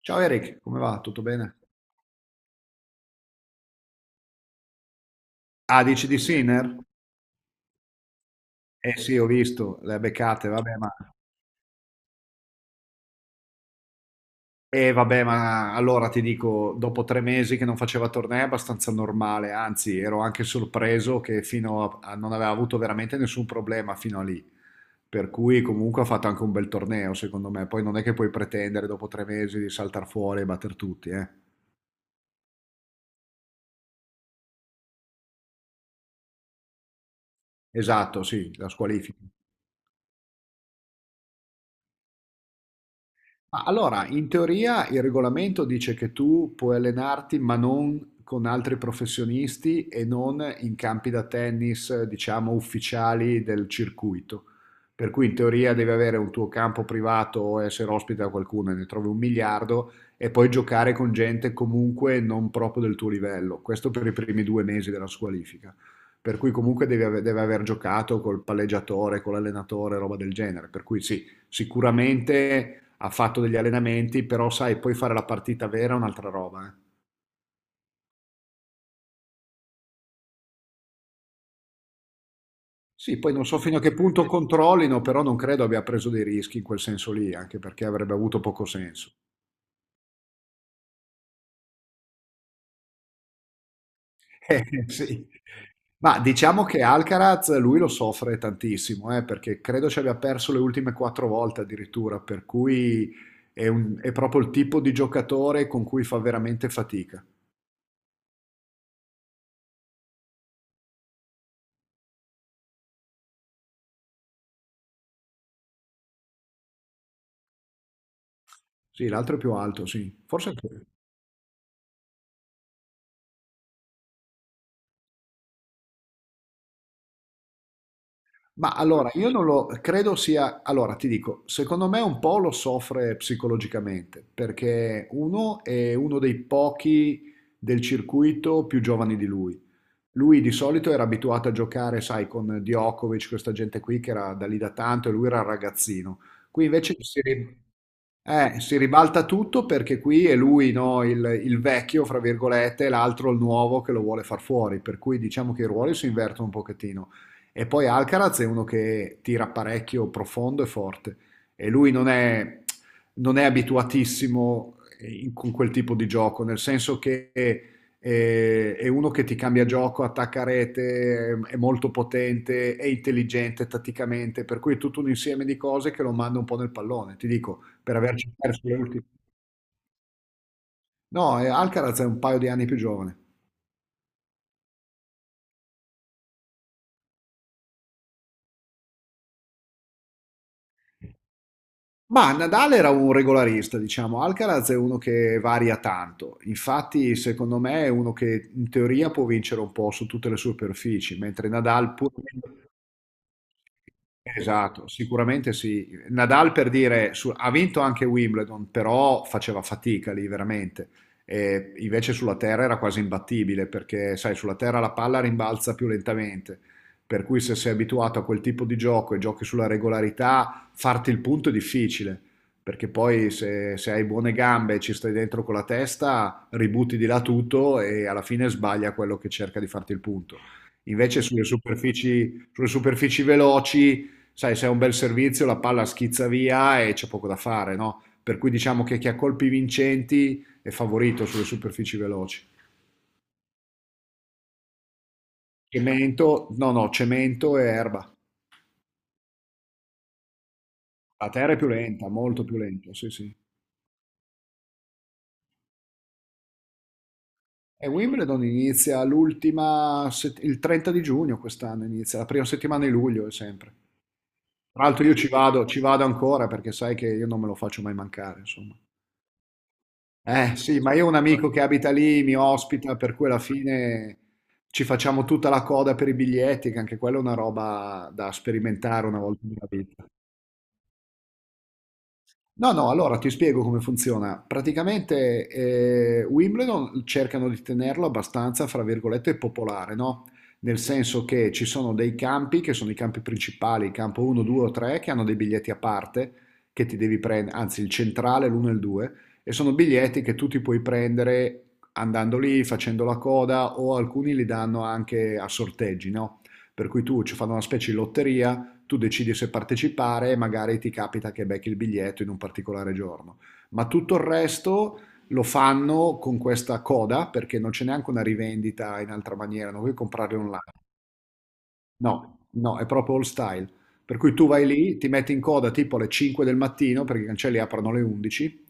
Ciao Eric, come va? Tutto bene? Ah, dici di Sinner? Eh sì, ho visto, le ha beccate, vabbè, ma... Eh vabbè, ma allora ti dico, dopo tre mesi che non faceva tornei è abbastanza normale, anzi ero anche sorpreso che non aveva avuto veramente nessun problema fino a lì, per cui comunque ha fatto anche un bel torneo secondo me, poi non è che puoi pretendere dopo tre mesi di saltar fuori e batter tutti, eh? Esatto, sì, la squalifica. Ma allora, in teoria il regolamento dice che tu puoi allenarti, ma non con altri professionisti e non in campi da tennis, diciamo, ufficiali del circuito. Per cui in teoria devi avere un tuo campo privato o essere ospite da qualcuno, e ne trovi un miliardo, e poi giocare con gente comunque non proprio del tuo livello. Questo per i primi due mesi della squalifica. Per cui comunque deve aver giocato col palleggiatore, con l'allenatore, roba del genere. Per cui sì, sicuramente ha fatto degli allenamenti, però sai, poi fare la partita vera è un'altra roba, eh. Sì, poi non so fino a che punto controllino, però non credo abbia preso dei rischi in quel senso lì, anche perché avrebbe avuto poco senso. Sì. Ma diciamo che Alcaraz lui lo soffre tantissimo, perché credo ci abbia perso le ultime quattro volte addirittura, per cui è, è proprio il tipo di giocatore con cui fa veramente fatica. Sì, l'altro è più alto, sì. Forse anche... Ma allora, io non lo credo sia, allora ti dico, secondo me un po' lo soffre psicologicamente, perché uno è uno dei pochi del circuito più giovani di lui, lui di solito era abituato a giocare, sai, con Djokovic, questa gente qui che era da lì da tanto e lui era un ragazzino. Qui invece si ribalta tutto perché qui è lui, no, il vecchio, fra virgolette, e l'altro il nuovo che lo vuole far fuori, per cui diciamo che i ruoli si invertono un pochettino. E poi Alcaraz è uno che tira parecchio profondo e forte e lui non è, non è abituatissimo con quel tipo di gioco, nel senso che è uno che ti cambia gioco, attacca a rete, è molto potente, è intelligente tatticamente, per cui è tutto un insieme di cose che lo manda un po' nel pallone, ti dico, per averci perso le ultime. No, Alcaraz è un paio di anni più giovane. Ma Nadal era un regolarista, diciamo, Alcaraz è uno che varia tanto, infatti secondo me è uno che in teoria può vincere un po' su tutte le superfici, mentre Nadal pur... Esatto, sicuramente sì. Nadal per dire, ha vinto anche Wimbledon, però faceva fatica lì veramente. E invece sulla terra era quasi imbattibile perché, sai, sulla terra la palla rimbalza più lentamente. Per cui se sei abituato a quel tipo di gioco e giochi sulla regolarità, farti il punto è difficile. Perché poi se, se hai buone gambe e ci stai dentro con la testa, ributti di là tutto e alla fine sbaglia quello che cerca di farti il punto. Invece sulle superfici Sulle superfici veloci, sai, se è un bel servizio la palla schizza via e c'è poco da fare, no? Per cui diciamo che chi ha colpi vincenti è favorito sulle superfici veloci. Cemento, no, no, cemento e erba. La terra è più lenta, molto più lenta, sì, sì. E Wimbledon inizia l'ultima, il 30 di giugno quest'anno inizia, la prima settimana di luglio è sempre. Tra l'altro io ci vado ancora perché sai che io non me lo faccio mai mancare, insomma. Eh sì, ma io ho un amico che abita lì, mi ospita, per cui alla fine ci facciamo tutta la coda per i biglietti, che anche quella è una roba da sperimentare una volta nella vita. No, no, allora ti spiego come funziona. Praticamente Wimbledon cercano di tenerlo abbastanza, fra virgolette, popolare, no? Nel senso che ci sono dei campi, che sono i campi principali, il campo 1, 2 o 3, che hanno dei biglietti a parte, che ti devi prendere, anzi il centrale, l'1 e il 2, e sono biglietti che tu ti puoi prendere andando lì, facendo la coda, o alcuni li danno anche a sorteggi, no? Per cui tu ci fanno una specie di lotteria, tu decidi se partecipare e magari ti capita che becchi il biglietto in un particolare giorno. Ma tutto il resto lo fanno con questa coda perché non c'è neanche una rivendita in altra maniera, non puoi comprarli online. No, no, è proprio old style. Per cui tu vai lì, ti metti in coda tipo alle 5 del mattino, perché i cancelli aprono alle 11,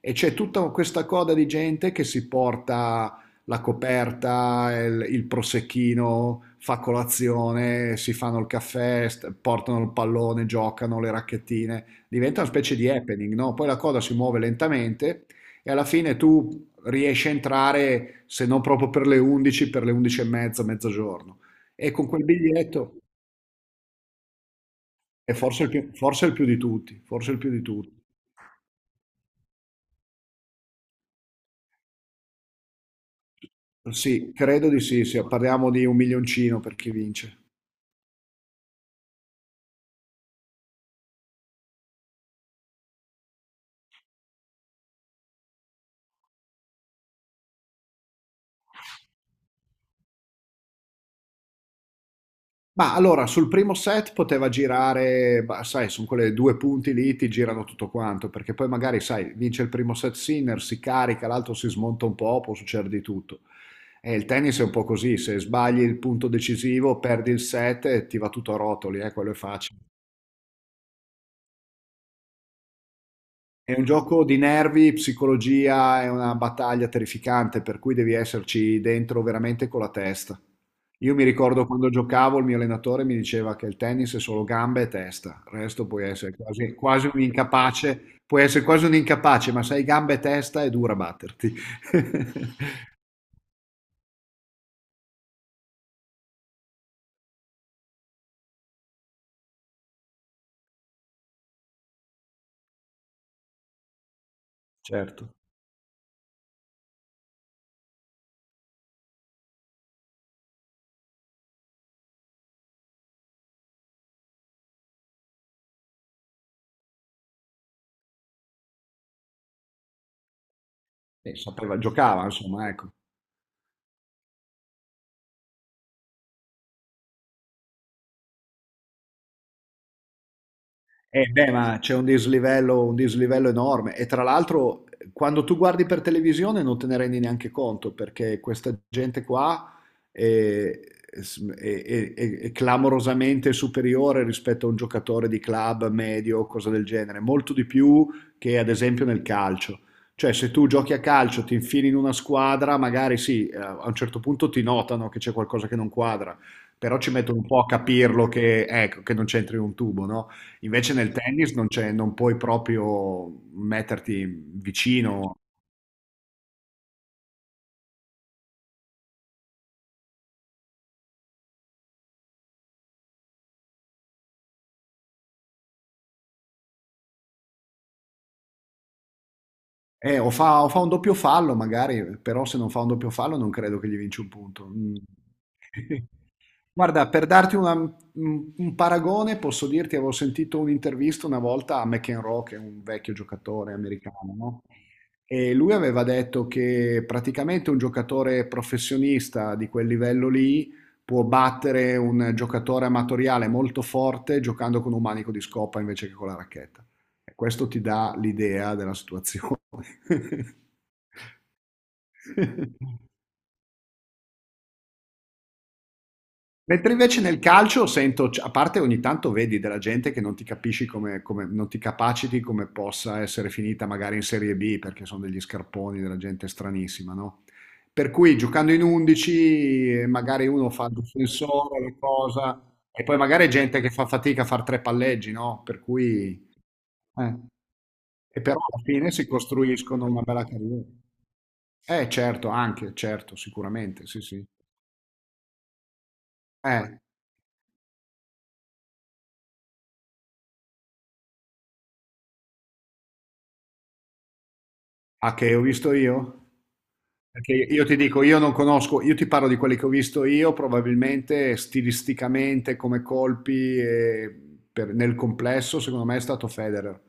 e c'è tutta questa coda di gente che si porta la coperta, il prosecchino, fa colazione, si fanno il caffè, portano il pallone, giocano le racchettine. Diventa una specie di happening, no? Poi la coda si muove lentamente e alla fine tu riesci a entrare, se non proprio per le 11, per le 11 e mezza, mezzogiorno. E con quel biglietto, e forse il più di tutti, forse il più di tutti. Sì, credo di sì, sì, parliamo di un milioncino per chi vince. Ma allora, sul primo set poteva girare, bah, sai, sono quelle due punti lì, ti girano tutto quanto, perché poi magari, sai, vince il primo set Sinner, si carica, l'altro si smonta un po', può succedere di tutto. E il tennis è un po' così, se sbagli il punto decisivo, perdi il set e ti va tutto a rotoli, quello è facile. È un gioco di nervi, psicologia, è una battaglia terrificante, per cui devi esserci dentro veramente con la testa. Io mi ricordo quando giocavo, il mio allenatore mi diceva che il tennis è solo gambe e testa, il resto puoi essere quasi, quasi un incapace, puoi essere quasi un incapace, ma se hai gambe e testa è dura batterti. Certo. E sapeva, giocava, insomma, ecco. Eh beh, ma c'è un dislivello enorme e tra l'altro quando tu guardi per televisione non te ne rendi neanche conto perché questa gente qua è, è clamorosamente superiore rispetto a un giocatore di club medio o cosa del genere, molto di più che ad esempio nel calcio. Cioè se tu giochi a calcio, ti infili in una squadra, magari sì, a un certo punto ti notano che c'è qualcosa che non quadra, però ci mettono un po' a capirlo che, ecco, che non c'entri un tubo, no? Invece nel tennis non c'è, non puoi proprio metterti vicino. O fa un doppio fallo magari, però se non fa un doppio fallo non credo che gli vinci un punto. Mm. Guarda, per darti un paragone, posso dirti, avevo sentito un'intervista una volta a McEnroe, che è un vecchio giocatore americano, no? E lui aveva detto che praticamente un giocatore professionista di quel livello lì può battere un giocatore amatoriale molto forte giocando con un manico di scopa invece che con la racchetta. E questo ti dà l'idea della situazione. Mentre invece nel calcio sento, a parte ogni tanto vedi della gente che non ti capisci come, non ti capaciti come possa essere finita magari in Serie B, perché sono degli scarponi, della gente stranissima, no? Per cui giocando in 11 magari uno fa il difensore, la cosa, e poi magari è gente che fa fatica a fare tre palleggi, no? Per cui... eh, e però alla fine si costruiscono una bella carriera. Eh certo, anche, certo, sicuramente, sì sì. Eh, ah, che ho visto io? Perché io ti dico, io non conosco, io ti parlo di quelli che ho visto io, probabilmente stilisticamente, come colpi, e nel complesso, secondo me è stato Federer.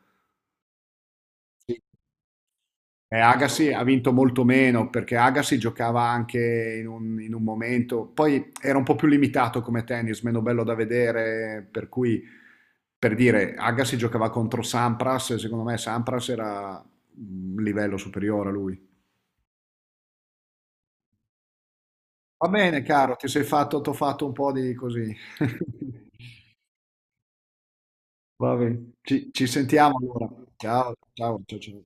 E Agassi ha vinto molto meno perché Agassi giocava anche in un momento, poi era un po' più limitato come tennis, meno bello da vedere, per cui per dire Agassi giocava contro Sampras e secondo me Sampras era un livello superiore a lui. Va bene, caro, ti sei fatto, t'ho fatto un po' di così. Va bene, ci sentiamo allora. Ciao, ciao, ciao, ciao.